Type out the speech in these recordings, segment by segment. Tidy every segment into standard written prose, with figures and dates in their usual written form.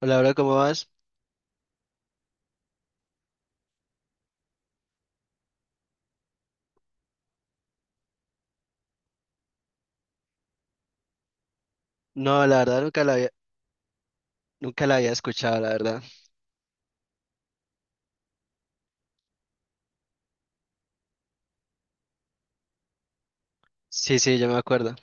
Hola, bro, ¿cómo vas? No, la verdad nunca la había escuchado, la verdad. Sí, sí, yo me acuerdo.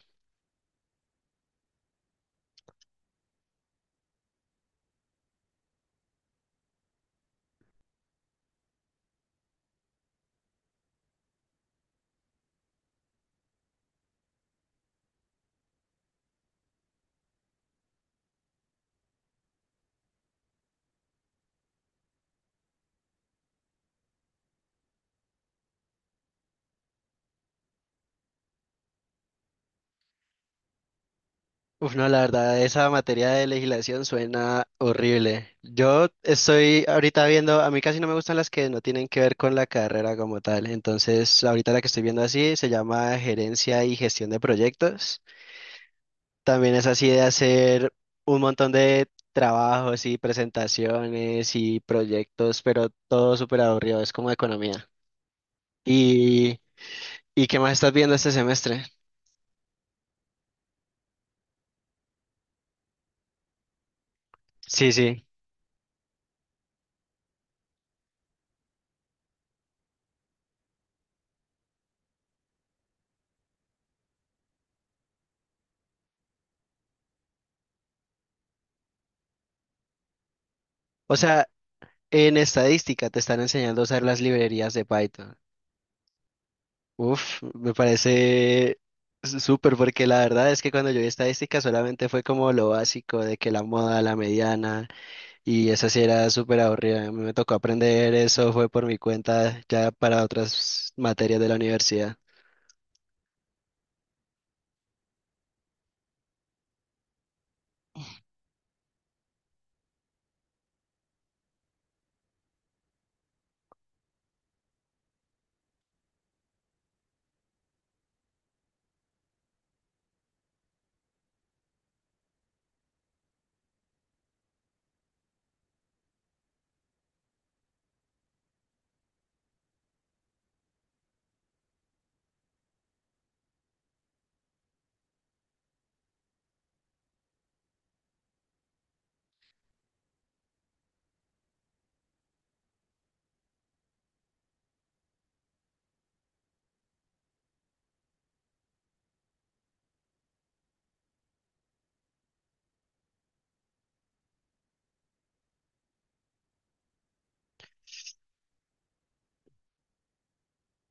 Uf, no, la verdad, esa materia de legislación suena horrible. Yo estoy ahorita viendo, a mí casi no me gustan las que no tienen que ver con la carrera como tal. Entonces, ahorita la que estoy viendo así se llama Gerencia y Gestión de Proyectos. También es así de hacer un montón de trabajos y presentaciones y proyectos, pero todo súper aburrido, es como economía. Y ¿Y qué más estás viendo este semestre? Sí, sí. O sea, en estadística te están enseñando a usar las librerías de Python. Uf, me parece súper, porque la verdad es que cuando yo vi estadística solamente fue como lo básico de que la moda, la mediana, y esa sí era súper aburrida. A mí me tocó aprender eso, fue por mi cuenta ya para otras materias de la universidad.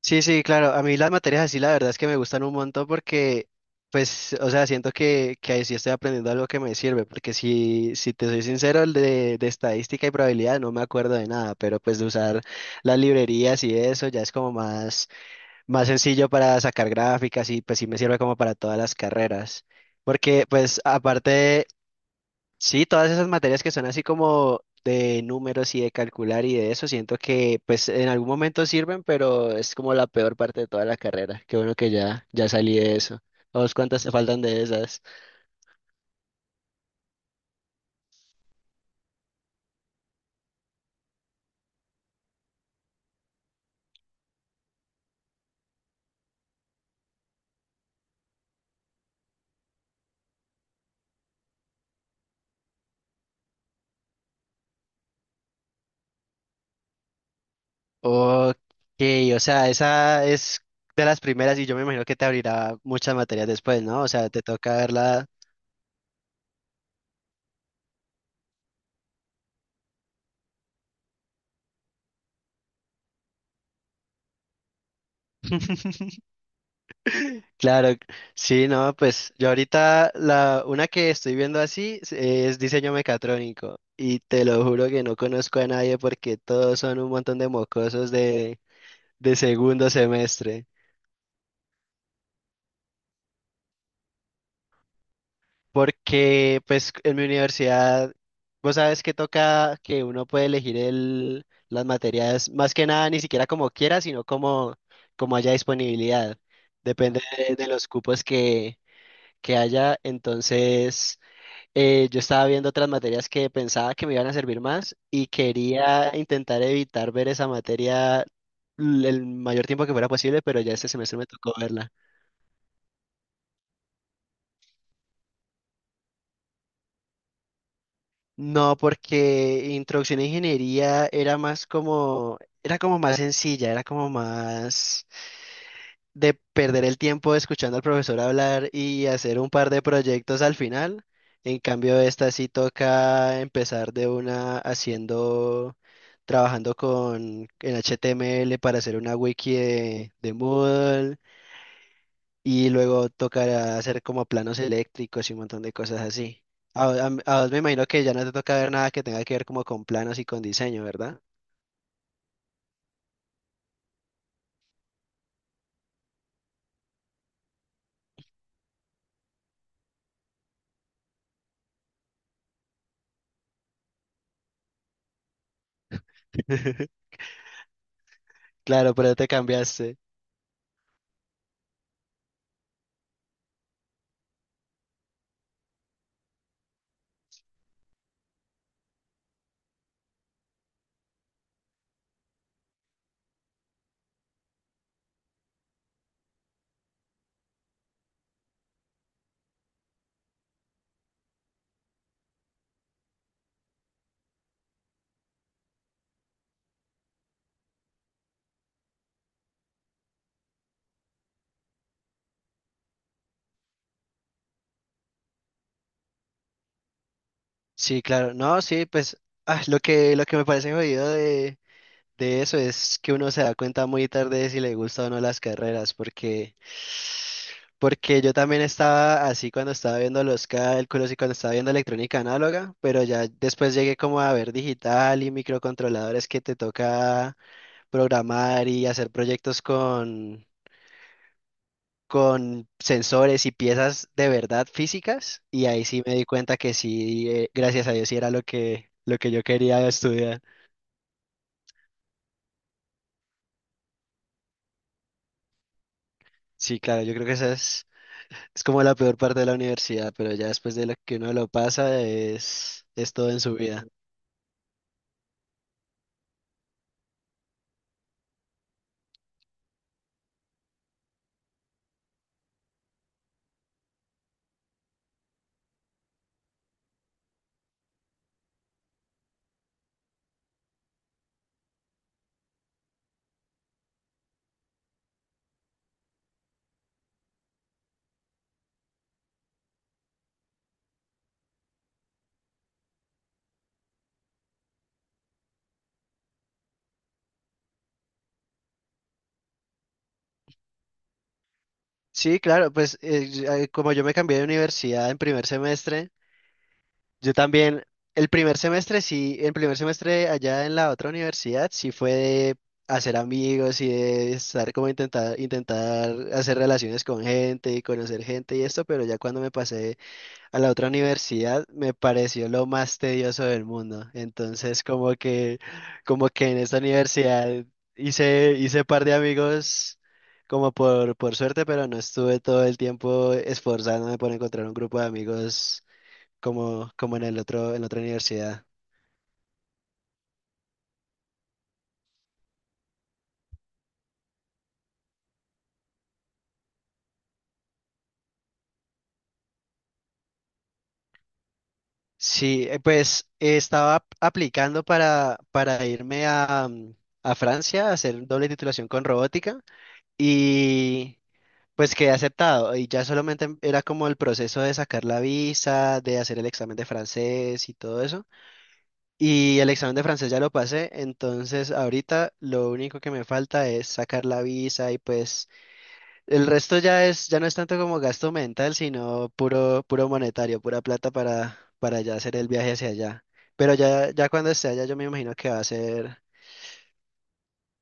Sí, sí, claro. A mí las materias así, la verdad es que me gustan un montón porque, pues, o sea, siento que, ahí sí estoy aprendiendo algo que me sirve. Porque si, si te soy sincero, el de estadística y probabilidad no me acuerdo de nada, pero pues de usar las librerías y eso ya es como más sencillo para sacar gráficas, y pues sí me sirve como para todas las carreras. Porque, pues, aparte, sí, todas esas materias que son así como de números y de calcular y de eso, siento que pues en algún momento sirven, pero es como la peor parte de toda la carrera. Qué bueno que ya, ya salí de eso. ¿A vos cuántas te faltan de esas? Ok, o sea, esa es de las primeras, y yo me imagino que te abrirá muchas materias después, ¿no? O sea, te toca verla. Claro, sí, no, pues yo ahorita la una que estoy viendo así es diseño mecatrónico, y te lo juro que no conozco a nadie porque todos son un montón de mocosos de segundo semestre. Porque pues en mi universidad, vos sabes que toca que uno puede elegir las materias más que nada ni siquiera como quiera, sino como, como haya disponibilidad. Depende de los cupos que haya, entonces... yo estaba viendo otras materias que pensaba que me iban a servir más y quería intentar evitar ver esa materia el mayor tiempo que fuera posible, pero ya este semestre me tocó verla. No, porque introducción a ingeniería era más como, era como más sencilla, era como más... de perder el tiempo escuchando al profesor hablar y hacer un par de proyectos al final. En cambio, esta sí toca empezar de una haciendo, trabajando con en HTML para hacer una wiki de Moodle, y luego tocará hacer como planos eléctricos y un montón de cosas así. A, a- a vos me imagino que ya no te toca ver nada que tenga que ver como con planos y con diseño, ¿verdad? Claro, pero te cambiaste. Sí, claro. No, sí, pues lo que me parece jodido de eso es que uno se da cuenta muy tarde de si le gusta o no las carreras, porque, porque yo también estaba así cuando estaba viendo los cálculos y cuando estaba viendo electrónica análoga, pero ya después llegué como a ver digital y microcontroladores que te toca programar y hacer proyectos con sensores y piezas de verdad físicas, y ahí sí me di cuenta que sí, gracias a Dios, sí era lo que yo quería estudiar. Sí, claro, yo creo que esa es como la peor parte de la universidad, pero ya después de lo que uno lo pasa es todo en su vida. Sí, claro, pues como yo me cambié de universidad en primer semestre, yo también, el primer semestre sí, el primer semestre allá en la otra universidad sí fue de hacer amigos y de estar como intentar, intentar hacer relaciones con gente y conocer gente y esto, pero ya cuando me pasé a la otra universidad me pareció lo más tedioso del mundo. Entonces, como que en esta universidad hice, hice par de amigos como por suerte, pero no estuve todo el tiempo esforzándome por encontrar un grupo de amigos como, como en el otro, en la otra universidad. Sí, pues estaba aplicando para irme a, a Francia a hacer doble titulación con robótica. Y, Pues quedé aceptado y ya solamente era como el proceso de sacar la visa, de hacer el examen de francés y todo eso. Y el examen de francés ya lo pasé, entonces ahorita lo único que me falta es sacar la visa, y pues el resto ya es, ya no es tanto como gasto mental, sino puro, puro monetario, pura plata para ya hacer el viaje hacia allá. Pero ya, ya cuando esté allá yo me imagino que va a ser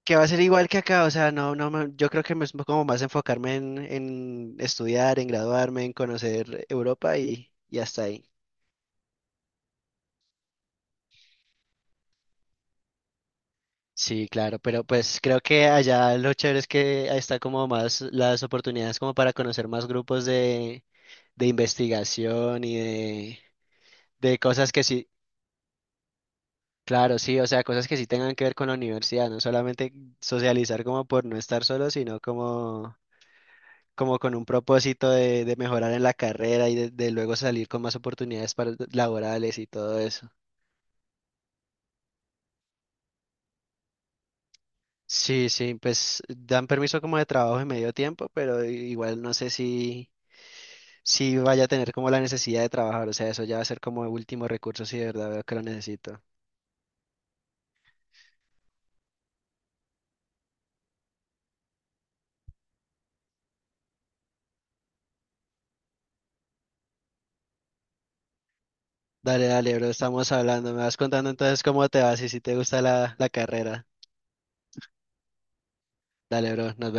que va a ser igual que acá, o sea, no, yo creo que me es como más enfocarme en estudiar, en graduarme, en conocer Europa, y hasta ahí. Sí, claro, pero pues creo que allá lo chévere es que ahí está como más las oportunidades como para conocer más grupos de investigación de cosas que sí, claro, sí, o sea, cosas que sí tengan que ver con la universidad, no solamente socializar como por no estar solo, sino como como con un propósito de mejorar en la carrera de luego salir con más oportunidades para, laborales y todo eso. Sí, sí, pues dan permiso como de trabajo en medio tiempo, pero igual no sé si, si vaya a tener como la necesidad de trabajar, o sea, eso ya va a ser como último recurso si de verdad veo que lo necesito. Dale, dale, bro, estamos hablando, me vas contando entonces cómo te vas y si te gusta la, la carrera. Dale, bro, nos vemos.